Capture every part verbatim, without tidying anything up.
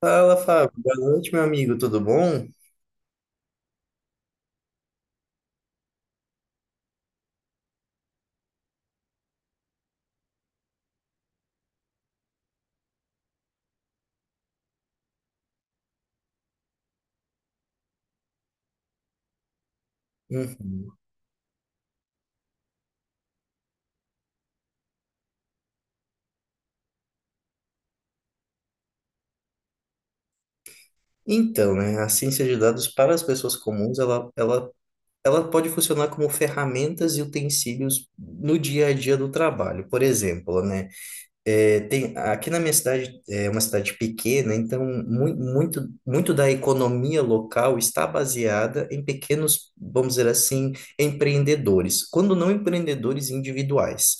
Fala, Fábio. Boa noite, meu amigo. Tudo bom? Uhum. Então, né, a ciência de dados para as pessoas comuns, ela, ela, ela pode funcionar como ferramentas e utensílios no dia a dia do trabalho. Por exemplo, né, É, tem, aqui na minha cidade é uma cidade pequena, então mu muito, muito da economia local está baseada em pequenos, vamos dizer assim, empreendedores, quando não empreendedores individuais.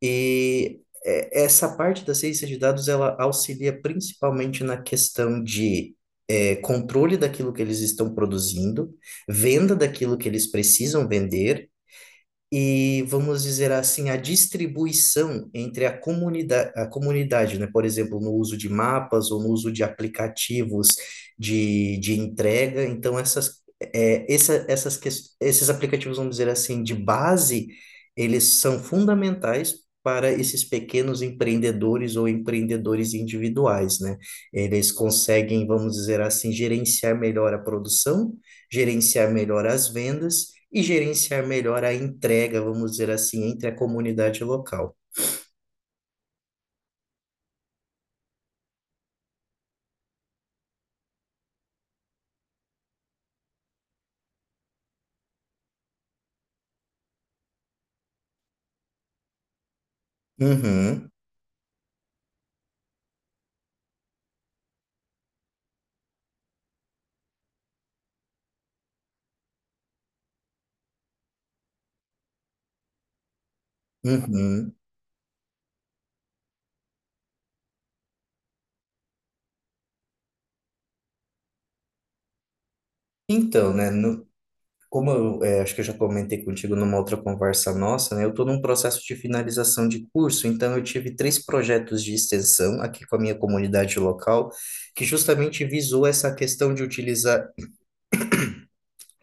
E é, essa parte da ciência de dados ela auxilia principalmente na questão de é, controle daquilo que eles estão produzindo, venda daquilo que eles precisam vender e, vamos dizer assim, a distribuição entre a comunidade, a comunidade, né? Por exemplo, no uso de mapas ou no uso de aplicativos de, de entrega. Então, essas, é, essa, essas, ques- esses aplicativos, vamos dizer assim, de base, eles são fundamentais. Para esses pequenos empreendedores ou empreendedores individuais, né? Eles conseguem, vamos dizer assim, gerenciar melhor a produção, gerenciar melhor as vendas e gerenciar melhor a entrega, vamos dizer assim, entre a comunidade local. Uhum, uhum. Então, né, no- como eu é, acho que eu já comentei contigo numa outra conversa nossa, né, eu estou num processo de finalização de curso, então eu tive três projetos de extensão aqui com a minha comunidade local, que justamente visou essa questão de utilizar.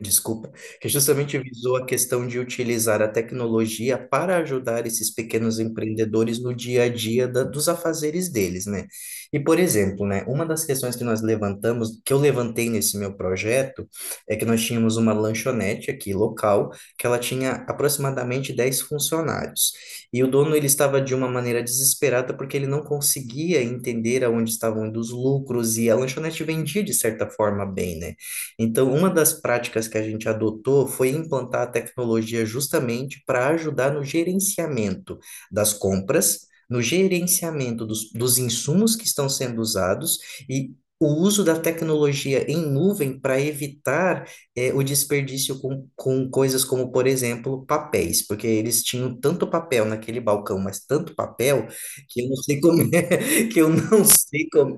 Desculpa, que justamente visou a questão de utilizar a tecnologia para ajudar esses pequenos empreendedores no dia a dia da- dos afazeres deles, né? E, por exemplo, né, uma das questões que nós levantamos, que eu levantei nesse meu projeto, é que nós tínhamos uma lanchonete aqui local, que ela tinha aproximadamente dez funcionários. E o dono, ele estava de uma maneira desesperada porque ele não conseguia entender aonde estavam indo os lucros, e a lanchonete vendia de certa forma bem, né? Então, uma das práticas que a gente adotou foi implantar a tecnologia justamente para ajudar no gerenciamento das compras, no gerenciamento dos, dos insumos que estão sendo usados e o uso da tecnologia em nuvem para evitar eh, o desperdício com, com coisas como, por exemplo, papéis, porque eles tinham tanto papel naquele balcão, mas tanto papel que eu não sei como é, que eu não sei como.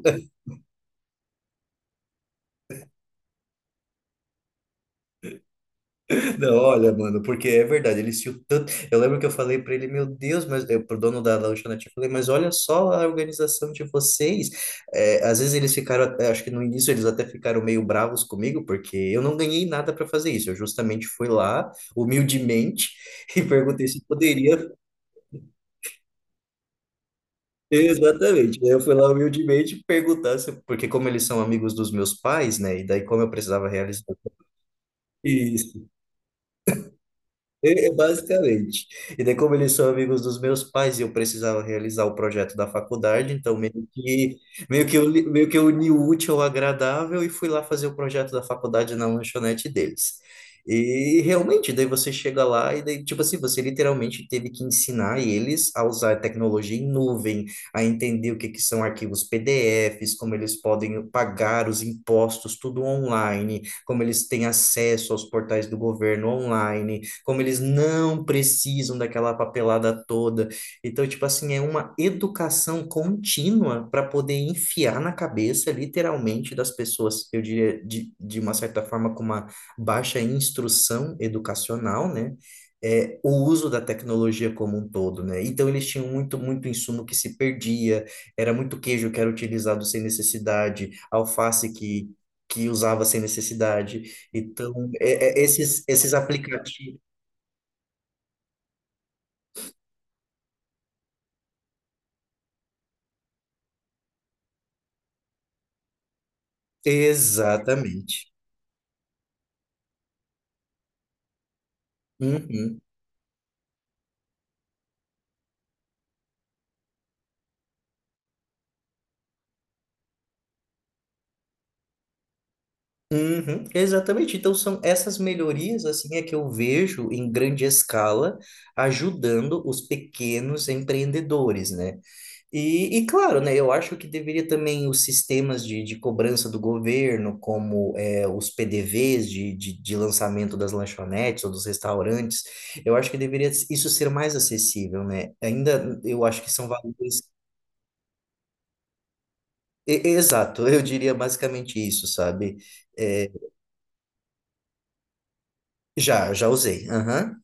Não, olha, mano, porque é verdade, ele se tanto. Eu lembro que eu falei pra ele, meu Deus, mas eu, pro dono da lanchonete, eu falei, mas olha só a organização de vocês. É, às vezes eles ficaram, até- acho que no início eles até ficaram meio bravos comigo, porque eu não ganhei nada pra fazer isso. Eu justamente fui lá, humildemente, e perguntei se poderia. Exatamente. Daí eu fui lá humildemente perguntar se, porque como eles são amigos dos meus pais, né? E daí como eu precisava realizar isso. É, basicamente. E daí, como eles são amigos dos meus pais e eu precisava realizar o projeto da faculdade, então meio que, meio que, eu, li- meio que eu uni o útil ao agradável e fui lá fazer o projeto da faculdade na lanchonete deles. E realmente, daí você chega lá e daí, tipo assim, você literalmente teve que ensinar eles a usar tecnologia em nuvem, a entender o que que são arquivos P D Ps, como eles podem pagar os impostos, tudo online, como eles têm acesso aos portais do governo online, como eles não precisam daquela papelada toda. Então, tipo assim, é uma educação contínua para poder enfiar na cabeça, literalmente, das pessoas, eu diria, de, de uma certa forma, com uma baixa instrução educacional, né? É, o uso da tecnologia como um todo, né? Então eles tinham muito, muito insumo que se perdia, era muito queijo que era utilizado sem necessidade, alface que, que usava sem necessidade. Então, é- é- esses, esses aplicativos. Exatamente. Uhum, uhum, exatamente. Então são essas melhorias assim é que eu vejo em grande escala ajudando os pequenos empreendedores, né? E, e claro, né, eu acho que deveria também os sistemas de, de cobrança do governo, como é, os P D Vs de, de, de lançamento das lanchonetes ou dos restaurantes, eu acho que deveria isso ser mais acessível, né? Ainda eu acho que são valores. E- Exato, eu diria basicamente isso, sabe? É, já, já usei. Aham.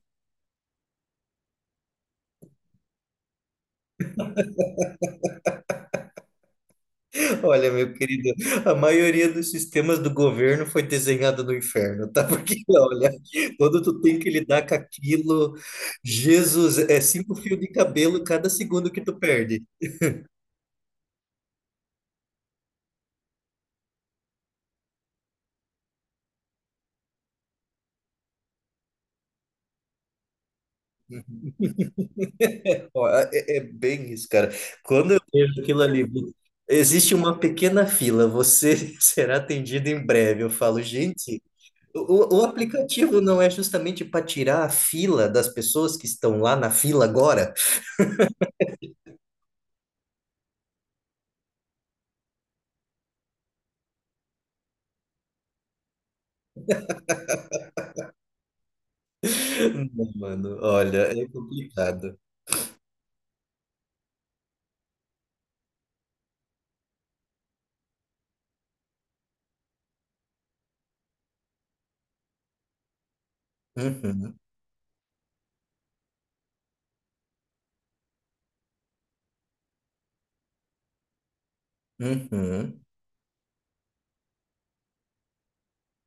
Olha, meu querido, a maioria dos sistemas do governo foi desenhada no inferno, tá? Porque, olha, quando tu tem que lidar com aquilo, Jesus, é cinco fios de cabelo cada segundo que tu perde. Ó, é, é é bem isso, cara. Quando eu vejo aquilo ali, existe uma pequena fila, você será atendido em breve. Eu falo, gente. O, o aplicativo não é justamente para tirar a fila das pessoas que estão lá na fila agora? Não, mano, olha, é complicado. Uhum, uhum.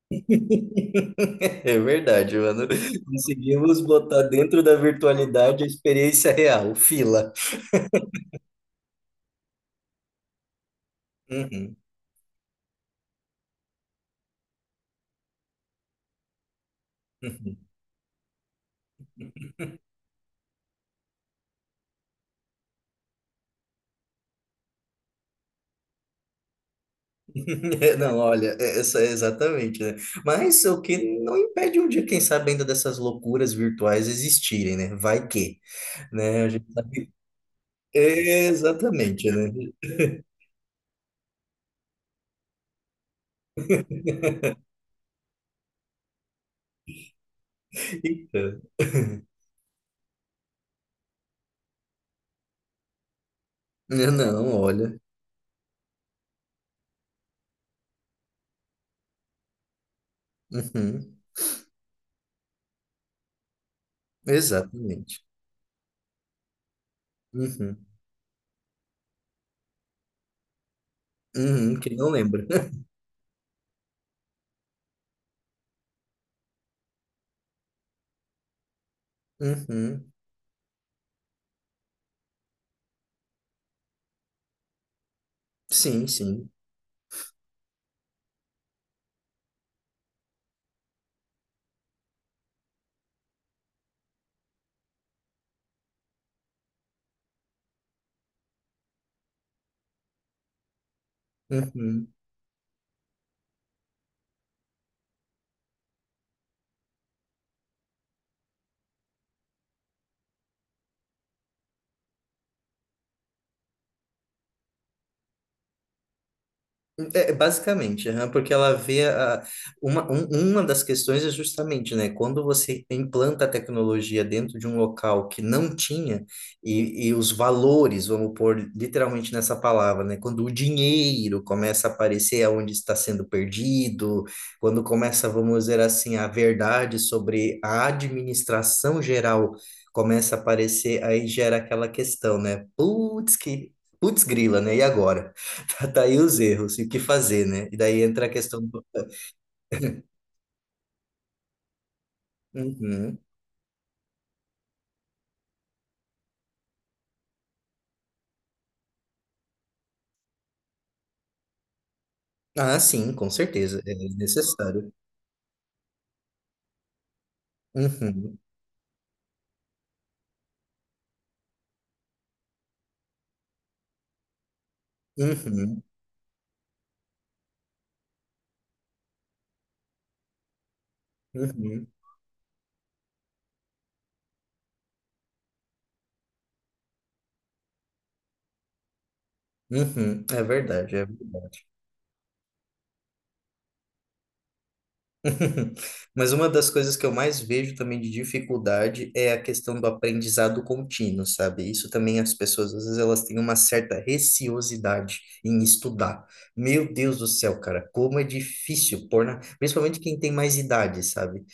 É verdade, mano. Conseguimos botar dentro da virtualidade a experiência real, fila. Uhum, uhum. Não, olha, essa é exatamente, né? Mas o que não impede um dia, quem sabe, ainda dessas loucuras virtuais existirem, né? Vai que, né? A gente sabe. Exatamente, né? Então, né, não, olha. Uhum, exatamente. Uhum, uhum, quem não lembra? Uhum, sim, sim. Uhum. É, é, basicamente, aham, porque ela vê a, uma, um- uma das questões é justamente, né, quando você implanta a tecnologia dentro de um local que não tinha, e, e os valores, vamos pôr literalmente nessa palavra, né, quando o dinheiro começa a aparecer aonde está sendo perdido, quando começa, vamos dizer assim, a verdade sobre a administração geral começa a aparecer, aí gera aquela questão, né, putz, que, putz grila, né, e agora? Tá aí os erros e o que fazer, né? E daí entra a questão do. Uhum. Ah, sim, com certeza, é necessário. Uhum, uhum, uhum, uhum. É verdade, é verdade. Mas uma das coisas que eu mais vejo também de dificuldade é a questão do aprendizado contínuo, sabe? Isso também as pessoas, às vezes, elas têm uma certa receosidade em estudar. Meu Deus do céu, cara, como é difícil pôr na... Principalmente quem tem mais idade, sabe?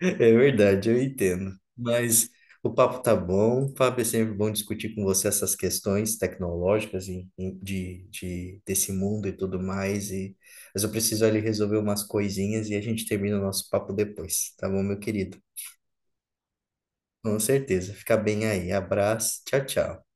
É verdade, eu entendo. Mas o papo tá bom. Fábio, é sempre bom discutir com você essas questões tecnológicas e, e de, de, desse mundo e tudo mais. E, mas eu preciso ali resolver umas coisinhas e a gente termina o nosso papo depois, tá bom, meu querido? Com certeza. Fica bem aí. Abraço. Tchau, tchau.